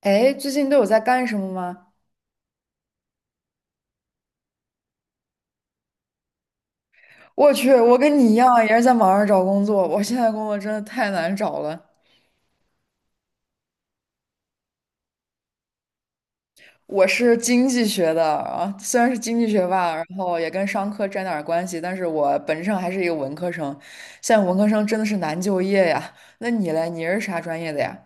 哎，最近都有在干什么吗？我去，我跟你一样，也是在网上找工作。我现在工作真的太难找了。我是经济学的啊，虽然是经济学吧，然后也跟商科沾点儿关系，但是我本质上还是一个文科生。现在文科生真的是难就业呀。那你嘞？你是啥专业的呀？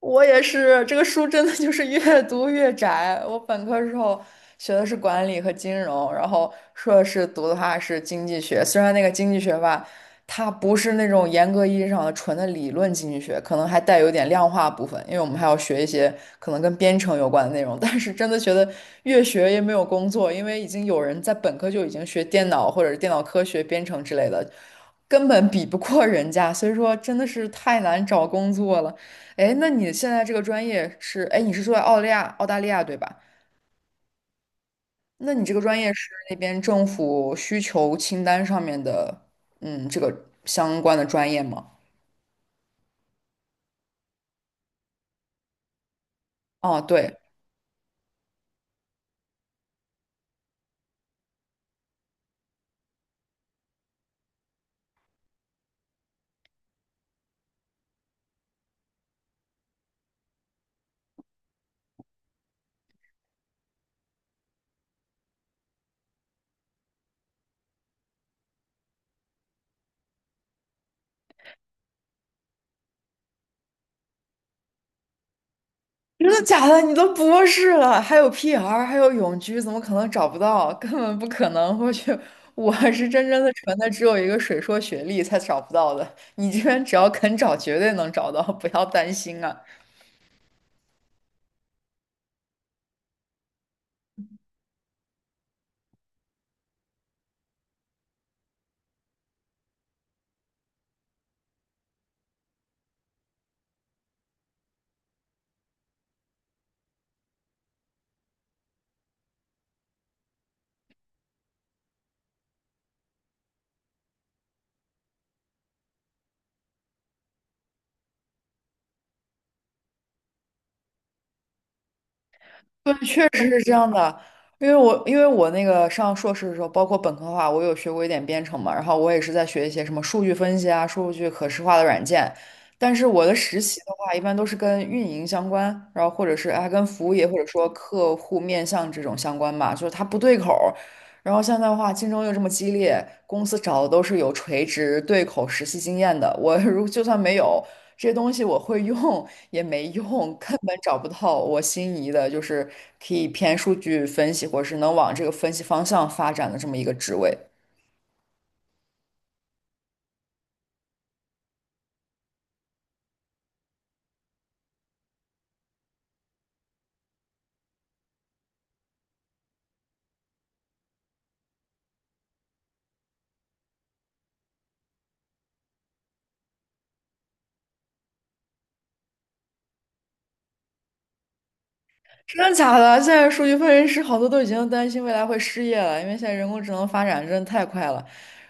我也是，这个书真的就是 越读越窄。我本科时候学的是管理和金融，然后硕士读的话是经济学。虽然那个经济学吧，它不是那种严格意义上的纯的理论经济学，可能还带有点量化部分，因为我们还要学一些可能跟编程有关的内容。但是真的觉得越学越没有工作，因为已经有人在本科就已经学电脑或者是电脑科学、编程之类的，根本比不过人家，所以说真的是太难找工作了。哎，那你现在这个专业是，哎，你是住在澳大利亚，澳大利亚对吧？那你这个专业是那边政府需求清单上面的，嗯，这个相关的专业吗？哦，对，真的假的？你都博士了，还有 PR,还有永居，怎么可能找不到？根本不可能！我去，我是真的纯的，只有一个水硕学历才找不到的。你这边只要肯找，绝对能找到，不要担心啊。对，确实是这样的，因为我那个上硕士的时候，包括本科的话，我有学过一点编程嘛，然后我也是在学一些什么数据分析啊、数据可视化的软件，但是我的实习的话，一般都是跟运营相关，然后或者是啊跟服务业或者说客户面向这种相关吧，就是它不对口，然后现在的话，竞争又这么激烈，公司找的都是有垂直对口实习经验的。我 就算没有这些东西，我会用也没用，根本找不到我心仪的，就是可以偏数据分析，或者是能往这个分析方向发展的这么一个职位。真的假的？现在数据分析师好多都已经担心未来会失业了，因为现在人工智能发展真的太快了。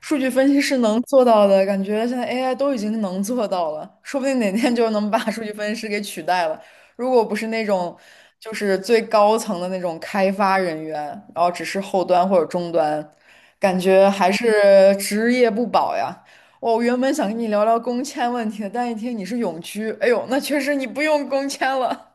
数据分析师能做到的，感觉现在 AI 都已经能做到了，说不定哪天就能把数据分析师给取代了。如果不是那种就是最高层的那种开发人员，然后只是后端或者终端，感觉还是职业不保呀。我原本想跟你聊聊工签问题的，但一听你是永居，哎呦，那确实你不用工签了。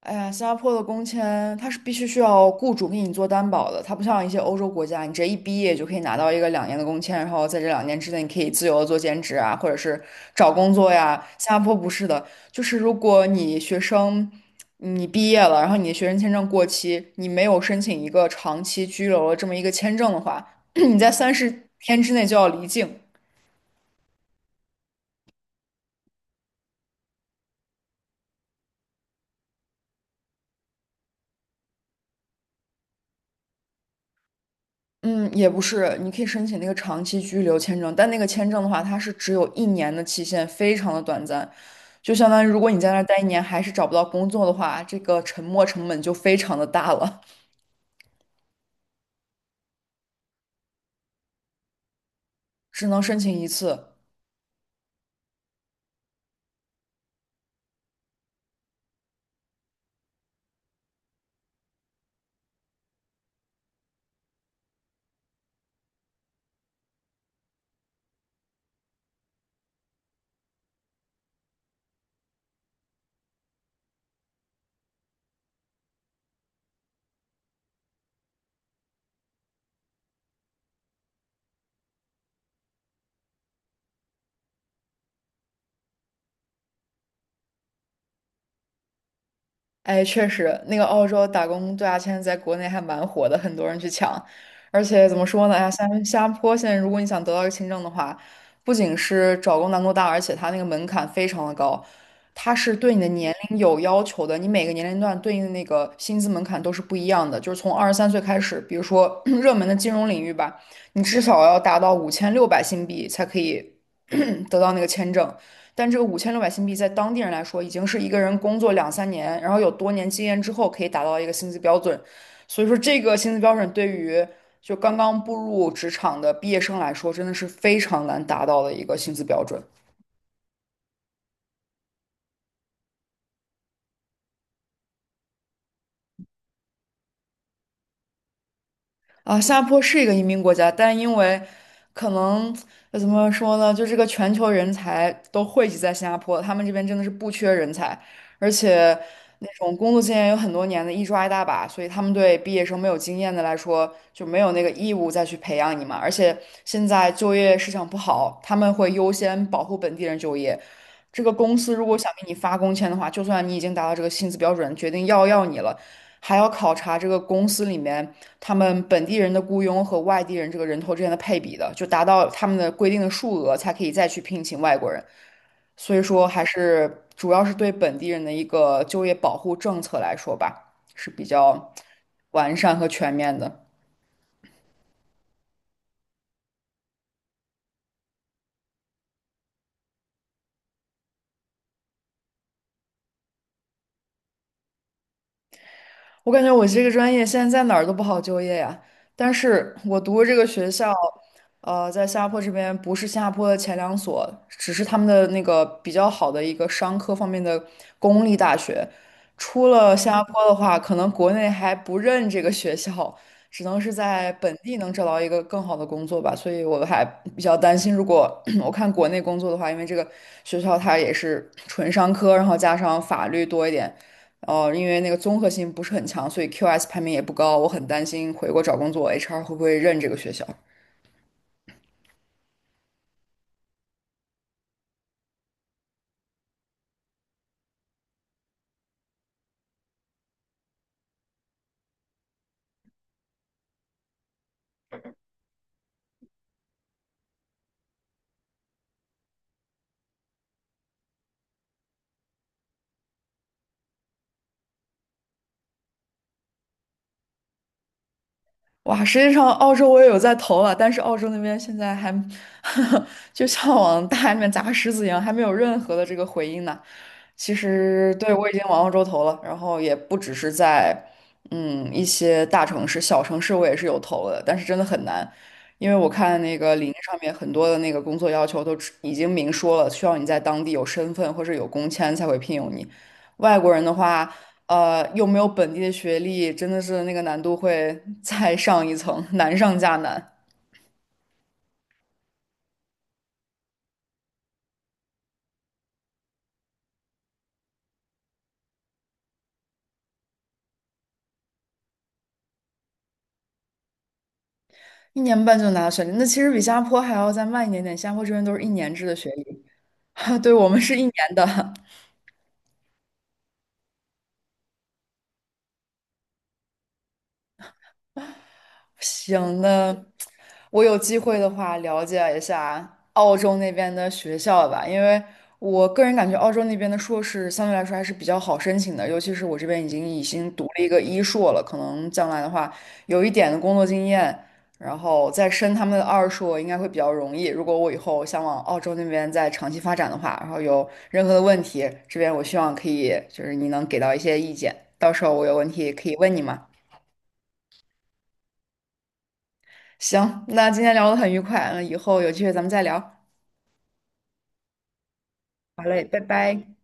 哎呀，新加坡的工签它是必须需要雇主给你做担保的，它不像一些欧洲国家，你直接一毕业就可以拿到一个两年的工签，然后在这两年之内你可以自由的做兼职啊，或者是找工作呀。新加坡不是的，就是如果你学生你毕业了，然后你的学生签证过期，你没有申请一个长期居留的这么一个签证的话，你在30天之内就要离境。嗯，也不是，你可以申请那个长期居留签证，但那个签证的话，它是只有一年的期限，非常的短暂。就相当于如果你在那儿待一年还是找不到工作的话，这个沉没成本就非常的大了，只能申请一次。哎，确实，那个澳洲打工度假签在国内还蛮火的，很多人去抢。而且怎么说呢？哎呀，新加坡现在如果你想得到一个签证的话，不仅是找工难度大，而且它那个门槛非常的高，它是对你的年龄有要求的。你每个年龄段对应的那个薪资门槛都是不一样的，就是从23岁开始，比如说 热门的金融领域吧，你至少要达到五千六百新币才可以 得到那个签证。但这个五千六百新币在当地人来说，已经是一个人工作两三年，然后有多年经验之后可以达到一个薪资标准。所以说，这个薪资标准对于就刚刚步入职场的毕业生来说，真的是非常难达到的一个薪资标准。啊，新加坡是一个移民国家，但因为可能呃怎么说呢，就这个全球人才都汇集在新加坡，他们这边真的是不缺人才，而且那种工作经验有很多年的，一抓一大把，所以他们对毕业生没有经验的来说就没有那个义务再去培养你嘛。而且现在就业市场不好，他们会优先保护本地人就业。这个公司如果想给你发工签的话，就算你已经达到这个薪资标准，决定要你了。还要考察这个公司里面他们本地人的雇佣和外地人这个人头之间的配比的，就达到他们的规定的数额才可以再去聘请外国人。所以说，还是主要是对本地人的一个就业保护政策来说吧，是比较完善和全面的。我感觉我这个专业现在在哪儿都不好就业呀，但是我读的这个学校，呃，在新加坡这边不是新加坡的前两所，只是他们的那个比较好的一个商科方面的公立大学。出了新加坡的话，可能国内还不认这个学校，只能是在本地能找到一个更好的工作吧。所以我还比较担心，如果 我看国内工作的话，因为这个学校它也是纯商科，然后加上法律多一点。哦，因为那个综合性不是很强，所以 QS 排名也不高。我很担心回国找工作，HR 会不会认这个学校？哇，实际上澳洲我也有在投了，但是澳洲那边现在还 就像往大海里面砸石子一样，还没有任何的这个回应呢。其实对我已经往澳洲投了，然后也不只是在一些大城市、小城市我也是有投的，但是真的很难，因为我看那个领英上面很多的那个工作要求都只已经明说了，需要你在当地有身份或者有工签才会聘用你。外国人的话。呃，有没有本地的学历，真的是那个难度会 再上一层，难上加难。一年半就拿到学历，那其实比新加坡还要再慢一点点。新加坡这边都是一年制的学历，对我们是一年的。行，那我有机会的话了解一下澳洲那边的学校吧，因为我个人感觉澳洲那边的硕士相对来说还是比较好申请的，尤其是我这边已经读了一个一硕了，可能将来的话有一点的工作经验，然后再申他们的二硕应该会比较容易。如果我以后想往澳洲那边再长期发展的话，然后有任何的问题，这边我希望可以就是你能给到一些意见，到时候我有问题可以问你嘛。行，那今天聊得很愉快，嗯，以后有机会咱们再聊。好嘞，拜拜。